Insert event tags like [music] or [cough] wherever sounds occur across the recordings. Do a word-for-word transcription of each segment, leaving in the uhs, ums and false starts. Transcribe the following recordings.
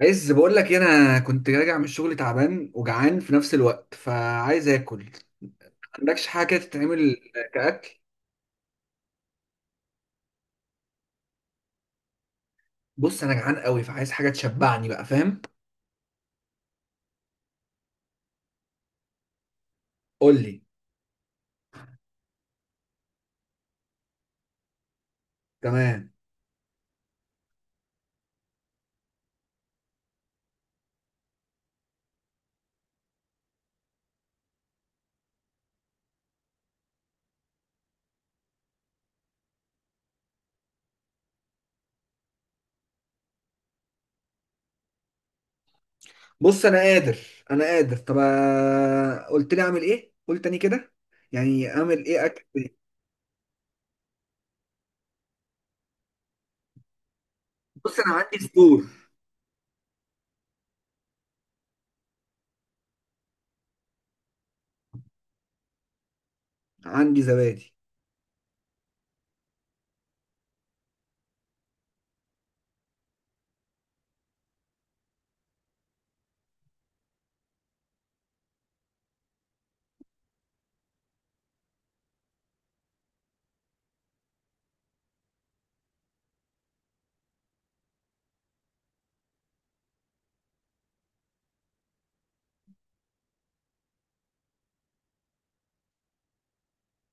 عايز بقول لك إيه، انا كنت راجع من الشغل تعبان وجعان في نفس الوقت فعايز اكل. عندكش حاجه كده تتعمل كاكل؟ بص انا جعان قوي فعايز حاجه تشبعني بقى، فاهم. قول لي. تمام. بص انا قادر، انا قادر. طب آه، قلت لي اعمل ايه، قول تاني كده. يعني اعمل ايه، اكل إيه؟ بص انا عندي فطور. عندي زبادي.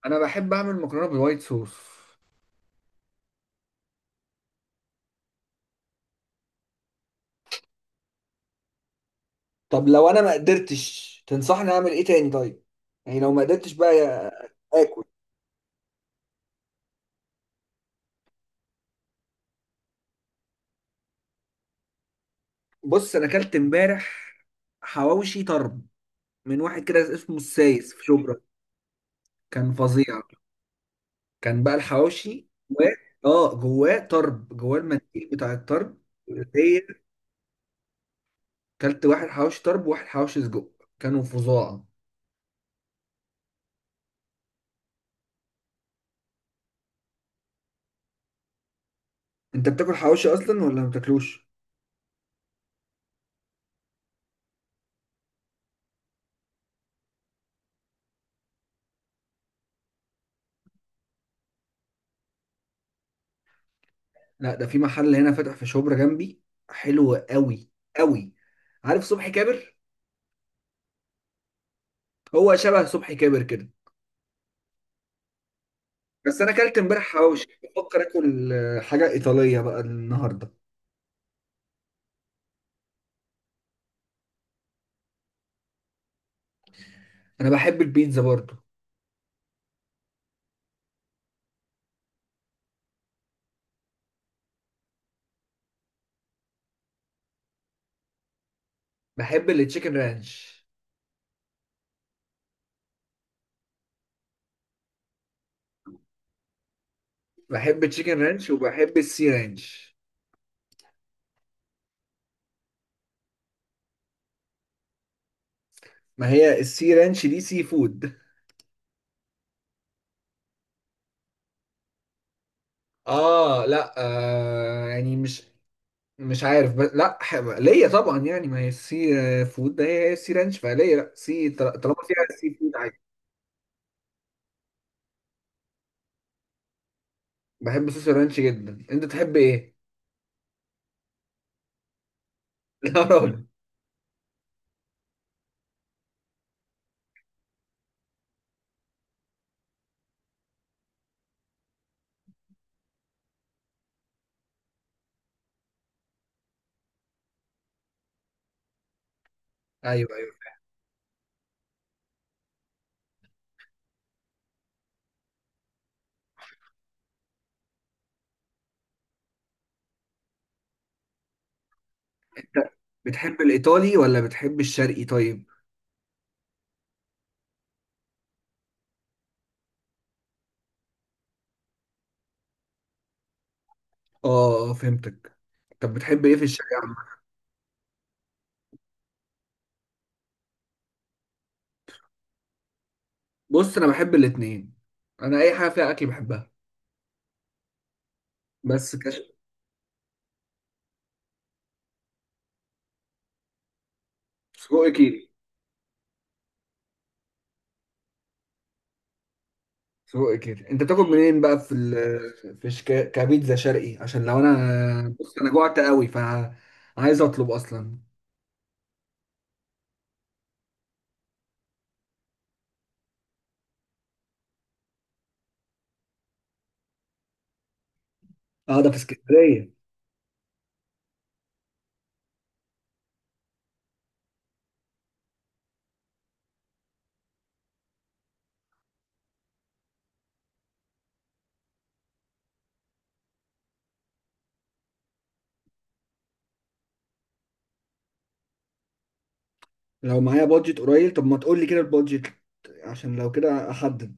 انا بحب اعمل مكرونه بالوايت صوص. طب لو انا ما قدرتش، تنصحني اعمل ايه تاني طيب؟ يعني لو ما قدرتش بقى آه، اكل. بص انا اكلت امبارح حواوشي طرب من واحد كده اسمه السايس في شبرا. كان فظيع. كان بقى الحواوشي جواه. اه، جواه طرب، جواه المنديل بتاع الطرب. هي، اكلت واحد حواوشي طرب وواحد حواوشي سجق، كانوا فظاع. انت بتاكل حواوشي اصلا ولا ما بتاكلوش؟ لا، ده في محل هنا فاتح في شبرا جنبي، حلو قوي قوي. عارف صبحي كابر؟ هو شبه صبحي كابر كده. بس انا اكلت امبارح حواوشي، بفكر اكل آه، حاجه ايطاليه بقى النهارده. انا بحب البيتزا برضو. بحب التشيكن رانش. بحب التشيكن رانش وبحب السي رانش. ما هي السي رانش دي سي فود. اه لا آه يعني مش مش عارف، بس لا، ح- ليا طبعا، يعني ما هي السي فود ده، هي هي السي رانش فليا، لا سي طل- طالما فيها السي فود عادي. بحب صوص الرانش جدا، انت تحب ايه؟ [laughs] يا راجل. ايوه ايوه. أنت بتحب الايطالي ولا بتحب الشرقي طيب؟ اه، آه، فهمتك. طب بتحب ايه في الشرقي؟ بص انا بحب الاتنين، انا اي حاجه فيها اكل بحبها. بس كش. سجق كيري. سجق كيري، انت بتاكل منين بقى في ال... في شك... كبيتزا شرقي؟ عشان لو انا، بص انا جوعت قوي فعايز اطلب اصلا. اه ده في اسكندريه. لو معايا بادجت قليل، طب ما تقول لي كده البادجت، عشان لو كده احدد.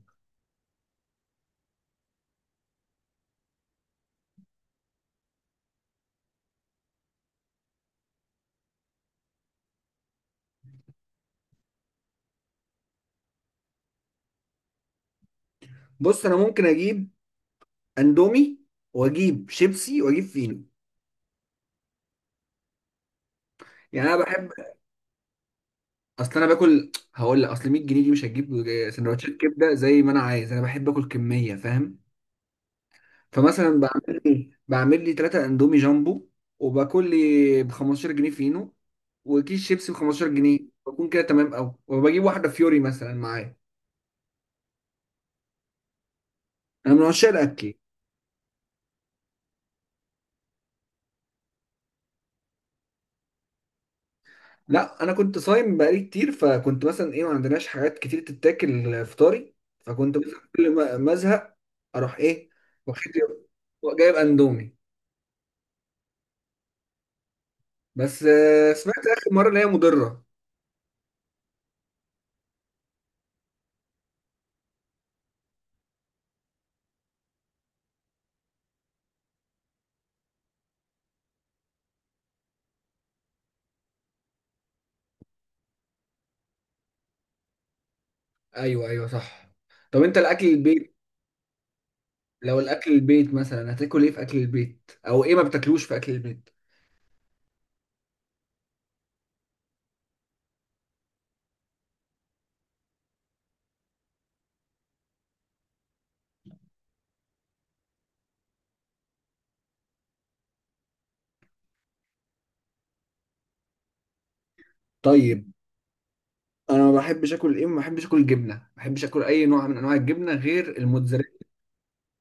بص انا ممكن اجيب اندومي واجيب شيبسي واجيب فينو. يعني انا بحب، اصل انا باكل، هقول لك اصل مية جنيه دي مش هتجيب سندوتشات كبده زي ما انا عايز، انا بحب اكل كميه فاهم. فمثلا بعمل لي بعمل لي ثلاثة اندومي جامبو، وباكل لي ب خمستاشر جنيه فينو، وكيس شيبسي ب خمستاشر جنيه. بكون كده تمام قوي، وبجيب واحدة فيوري مثلا معايا. انا من عشاق الاكل. لا انا كنت صايم بقالي كتير، فكنت مثلا ايه، ما عندناش حاجات كتير تتاكل فطاري. فكنت مثلا كل ما ما ازهق اروح ايه، واخد لي- جايب اندومي. بس آه، سمعت اخر مرة ان هي مضرة. ايوه ايوه صح. طب انت الاكل البيت، لو الاكل البيت مثلا هتاكل ايه في اكل البيت، او ايه ما بتاكلوش في اكل البيت؟ طيب انا ما بحبش اكل ايه، ما بحبش اكل جبنه، ما بحبش اكل اي نوع من انواع الجبنه غير الموتزاريلا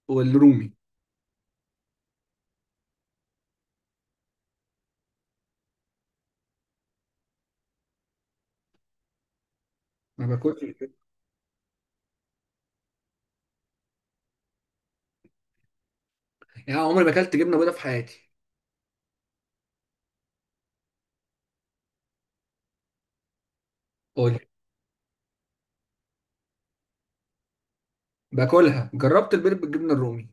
والرومي. ما باكلش الجبنة. يعني عمري ما اكلت جبنه بيضاء في حياتي. قول. باكلها، جربت البيض بالجبنه الرومي.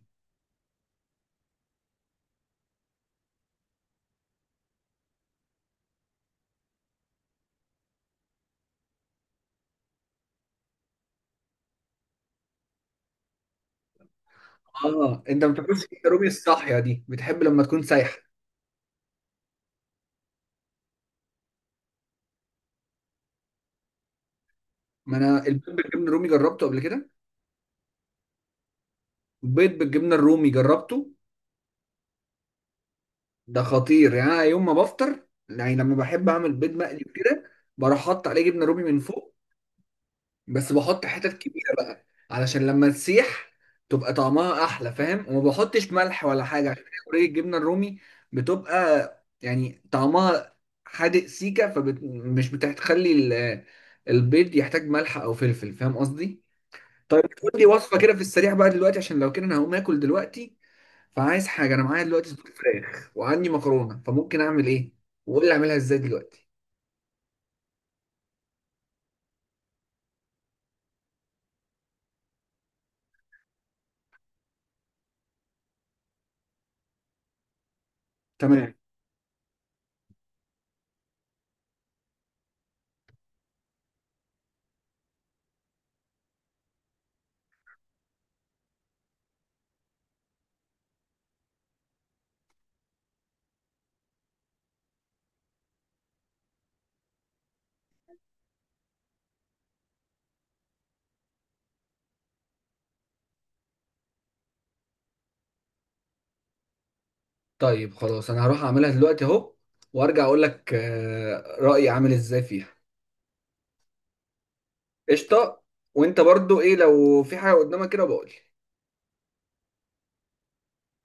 اه انت ما بتاكلش الجبنه الرومي الصاحيه دي، بتحب لما تكون سايحه. ما انا البيض بالجبنه الرومي جربته قبل كده. البيض بالجبنه الرومي جربته، ده خطير. يعني انا يوم ما بفطر، يعني لما بحب اعمل بيض مقلي وكده، بروح احط عليه جبنه رومي من فوق. بس بحط حتت كبيره بقى، علشان لما تسيح تبقى طعمها احلى فاهم. وما بحطش ملح ولا حاجه، عشان هي already الجبنه الرومي بتبقى يعني طعمها حادق سيكه، فمش بتخلي ال- البيض يحتاج ملح او فلفل، فاهم قصدي؟ طيب تقول لي وصفه كده في السريع بقى دلوقتي، عشان لو كده انا هقوم اكل دلوقتي. فعايز حاجه، انا معايا دلوقتي صدور فراخ وعندي مكرونه، فممكن اعمل ايه؟ وقول لي اعملها ازاي دلوقتي. تمام. طيب خلاص انا هروح اعملها دلوقتي اهو، وارجع اقول لك آه، رايي عامل ازاي فيها. قشطه. وانت برضو ايه، لو في حاجه قدامك كده بقول لي.